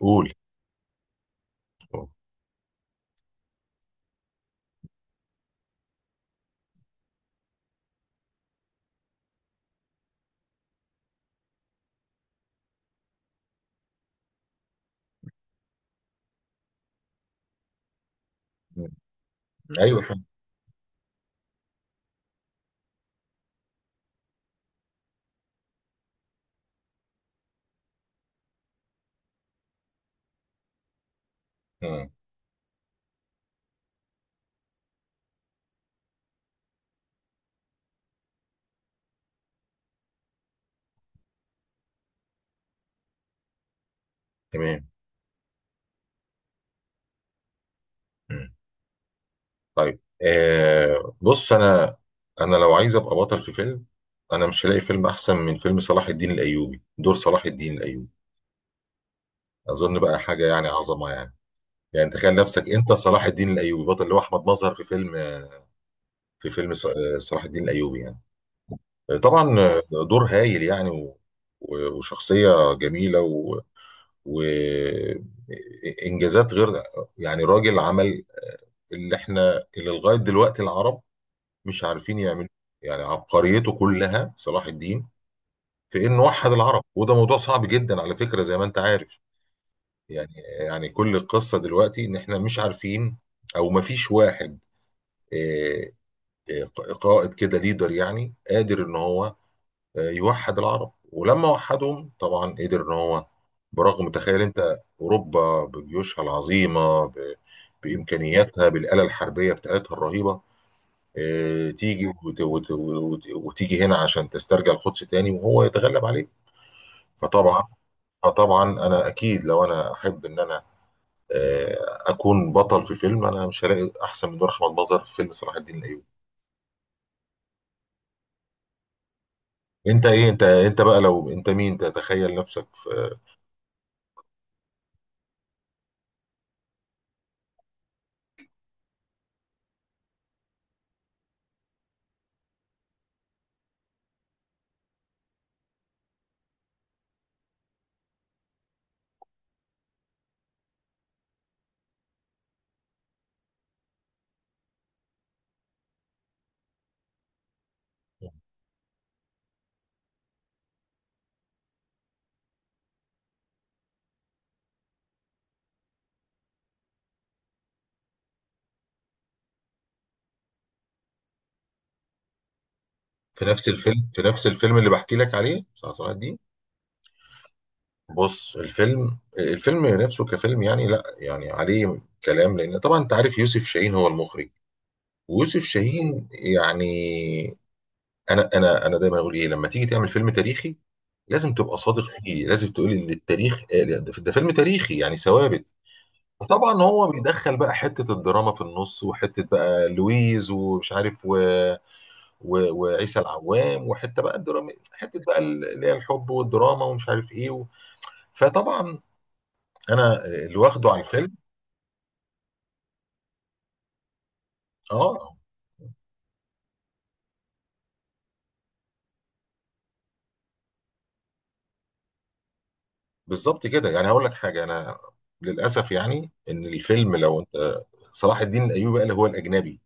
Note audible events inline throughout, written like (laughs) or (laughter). قول. مم. مم. ايوه فاهم. مم. تمام. مم. طيب آه بص انا، لو عايز ابقى بطل في فيلم انا مش هلاقي فيلم احسن من فيلم صلاح الدين الايوبي، دور صلاح الدين الايوبي اظن بقى حاجه يعني عظمه يعني. يعني تخيل نفسك انت صلاح الدين الايوبي، بطل اللي هو احمد مظهر في فيلم، في فيلم صلاح الدين الايوبي يعني. طبعا، دور هايل يعني، وشخصيه جميله، وانجازات غير، يعني راجل عمل اللي احنا اللي لغايه دلوقتي العرب مش عارفين يعملوا. إيه. يعني عبقريته كلها صلاح الدين في انه وحد العرب، وده موضوع صعب جدا على فكره زي ما انت عارف. يعني يعني كل القصه دلوقتي ان احنا مش عارفين، او ما فيش واحد، آه، آه، قائد كده ليدر، يعني قادر ان هو يوحد العرب، ولما وحدهم طبعا قدر ان هو، برغم تخيل انت اوروبا بجيوشها العظيمه، بامكانياتها، بالاله الحربيه بتاعتها الرهيبه، تيجي وتيجي هنا عشان تسترجع القدس تاني، وهو يتغلب عليه. فطبعا، فطبعا انا اكيد لو انا احب ان انا اكون بطل في فيلم، انا مش هلاقي احسن من نور احمد مظهر في فيلم صلاح الدين الايوبي. انت ايه، انت بقى لو انت مين تتخيل نفسك في، في نفس الفيلم، في نفس الفيلم اللي بحكي لك عليه بتاع صلاح الدين. بص الفيلم، الفيلم نفسه كفيلم يعني لا يعني عليه كلام، لان طبعا انت عارف يوسف شاهين هو المخرج، ويوسف شاهين يعني، انا دايما اقول ايه، لما تيجي تعمل فيلم تاريخي لازم تبقى صادق فيه، لازم تقول ان التاريخ ده فيلم تاريخي يعني ثوابت. وطبعا هو بيدخل بقى حته الدراما في النص، وحته بقى لويز ومش عارف و... و... وعيسى العوام، وحته بقى الدراما حته بقى اللي هي الحب والدراما ومش عارف ايه و... فطبعا انا اللي واخده على الفيلم. اه بالظبط كده. يعني هقول لك حاجه، انا للاسف يعني ان الفيلم لو انت صلاح الدين الايوبي قال هو الاجنبي،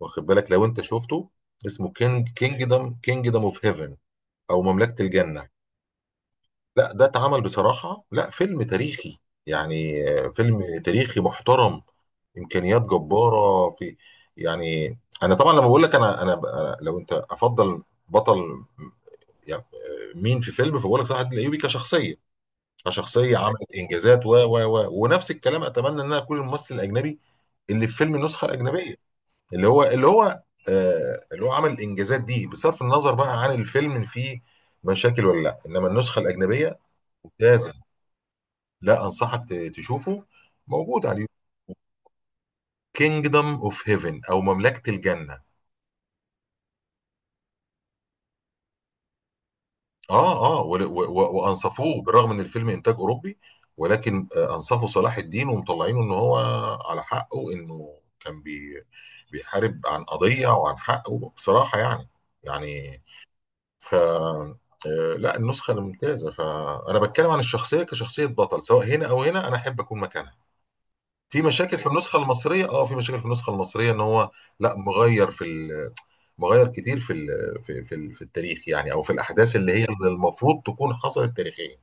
واخد بالك لو انت شفته، اسمه كينج، كينجدم اوف هيفن، او مملكه الجنه. لا ده اتعمل بصراحه لا فيلم تاريخي، يعني فيلم تاريخي محترم، امكانيات جباره في، يعني انا طبعا لما بقول لك انا لو انت افضل بطل يعني، مين في فيلم، فبقول لك صلاح الدين الايوبي كشخصيه، كشخصيه عملت انجازات و ونفس الكلام، اتمنى ان انا اكون الممثل الاجنبي اللي في فيلم النسخه الاجنبيه، اللي هو آه اللي هو عمل الانجازات دي، بصرف النظر بقى عن الفيلم اللي فيه مشاكل ولا لا، انما النسخه الاجنبيه ممتازه. لا انصحك تشوفه، موجود على اليوتيوب. كينجدم اوف هيفن او مملكه الجنه. اه اه وانصفوه، بالرغم ان الفيلم انتاج اوروبي، ولكن انصفوا صلاح الدين ومطلعينه ان هو على حقه، انه كان بي، بيحارب عن قضيه وعن حقه بصراحه يعني. يعني ف لا النسخه الممتازه، فانا بتكلم عن الشخصيه كشخصيه بطل، سواء هنا او هنا انا احب اكون مكانها. في مشاكل في النسخه المصريه، اه في مشاكل في النسخه المصريه ان هو لا مغير في ال، مغير كتير في في في التاريخ يعني، او في الاحداث اللي هي اللي المفروض تكون حصلت تاريخيا.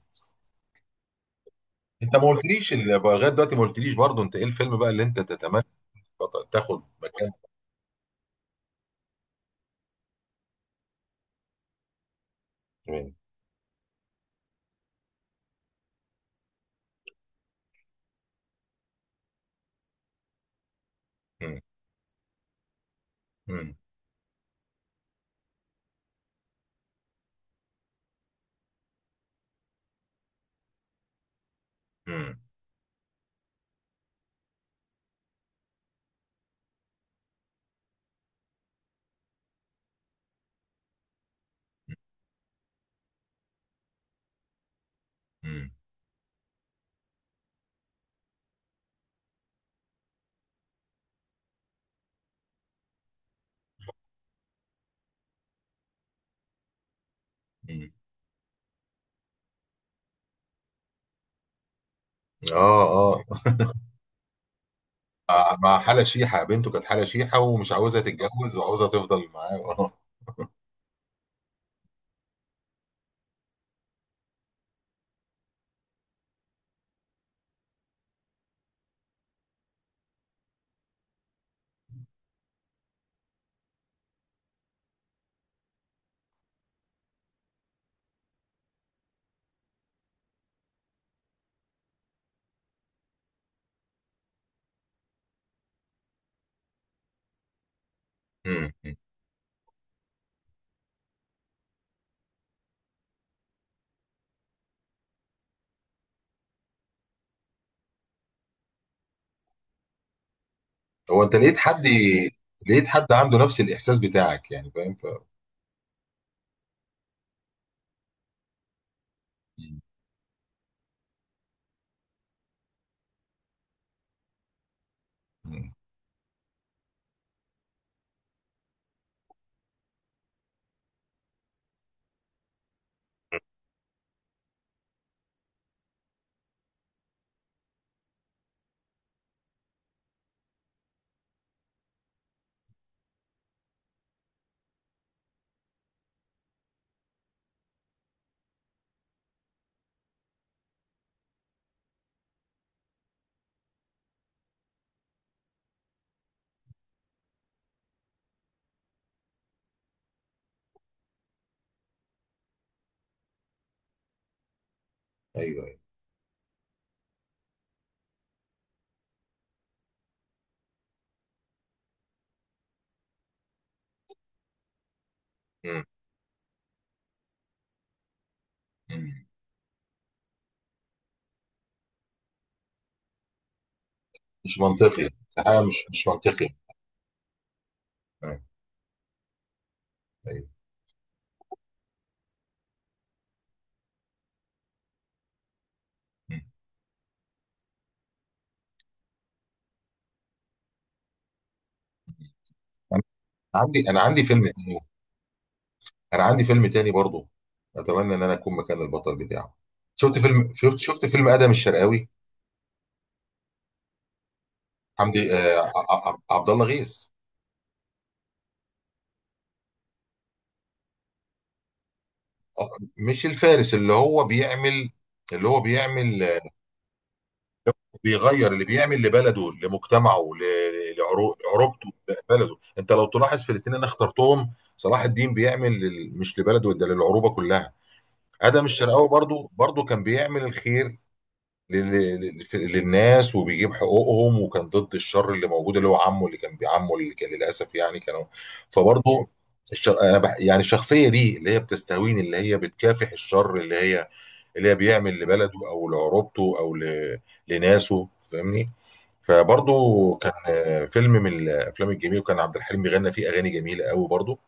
انت ما قلتليش لغايه دلوقتي ما قلتليش برضه انت ايه الفيلم بقى اللي انت تتمنى تاخد مكان. مم. مم. مم. مم. مم. اه اه. (laughs) مع حالة شيحة، بنته كانت حالة شيحة ومش عاوزة تتجوز وعاوزة تفضل معاه. (laughs) اه. مم. مم. هو انت لقيت حد، لقيت حد عنده نفس الاحساس بتاعك يعني فاهم ف... مم. مم. ايوه ايوه. مم. مم. مش منطقي، حاجه مش منطقي. آه، أيوة. م. انا عندي، انا عندي فيلم تاني، انا عندي فيلم تاني برضو اتمنى ان انا اكون مكان البطل بتاعه. شفت فيلم، شفت فيلم ادم الشرقاوي، حمدي آه عبد الله غيث. آه، مش الفارس اللي هو بيعمل، اللي هو بيعمل آه، بيغير، اللي بيعمل لبلده لمجتمعه لعروبته. بلده. انت لو تلاحظ في الاثنين انا اخترتهم، صلاح الدين بيعمل مش لبلده ده للعروبه كلها. ادم الشرقاوي برضو، برضو كان بيعمل الخير لل- للناس، وبيجيب حقوقهم، وكان ضد الشر اللي موجود، اللي هو عمه اللي كان بيعمه اللي كان للاسف يعني كانوا. فبرضو الشر... انا بح... يعني الشخصيه دي اللي هي بتستهويني، اللي هي بتكافح الشر، اللي هي اللي هي بيعمل لبلده، او لعروبته، او ل... لناسه، فاهمني. فبرضو كان فيلم من الافلام الجميله، وكان عبد الحليم بيغنى فيه اغاني جميله قوي برضو.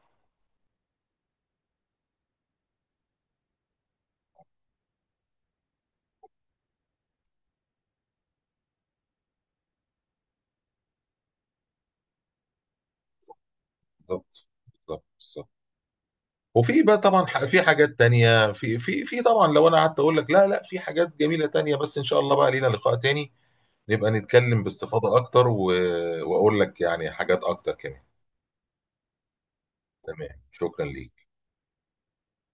بالظبط بالظبط. وفي بقى طبعا في حاجات تانية، في طبعا لو انا قعدت اقول لك لا لا في حاجات جميلة تانية، بس ان شاء الله بقى لينا لقاء تاني نبقى نتكلم باستفاضة اكتر، و... واقول لك يعني حاجات اكتر كمان. تمام، شكرا ليك.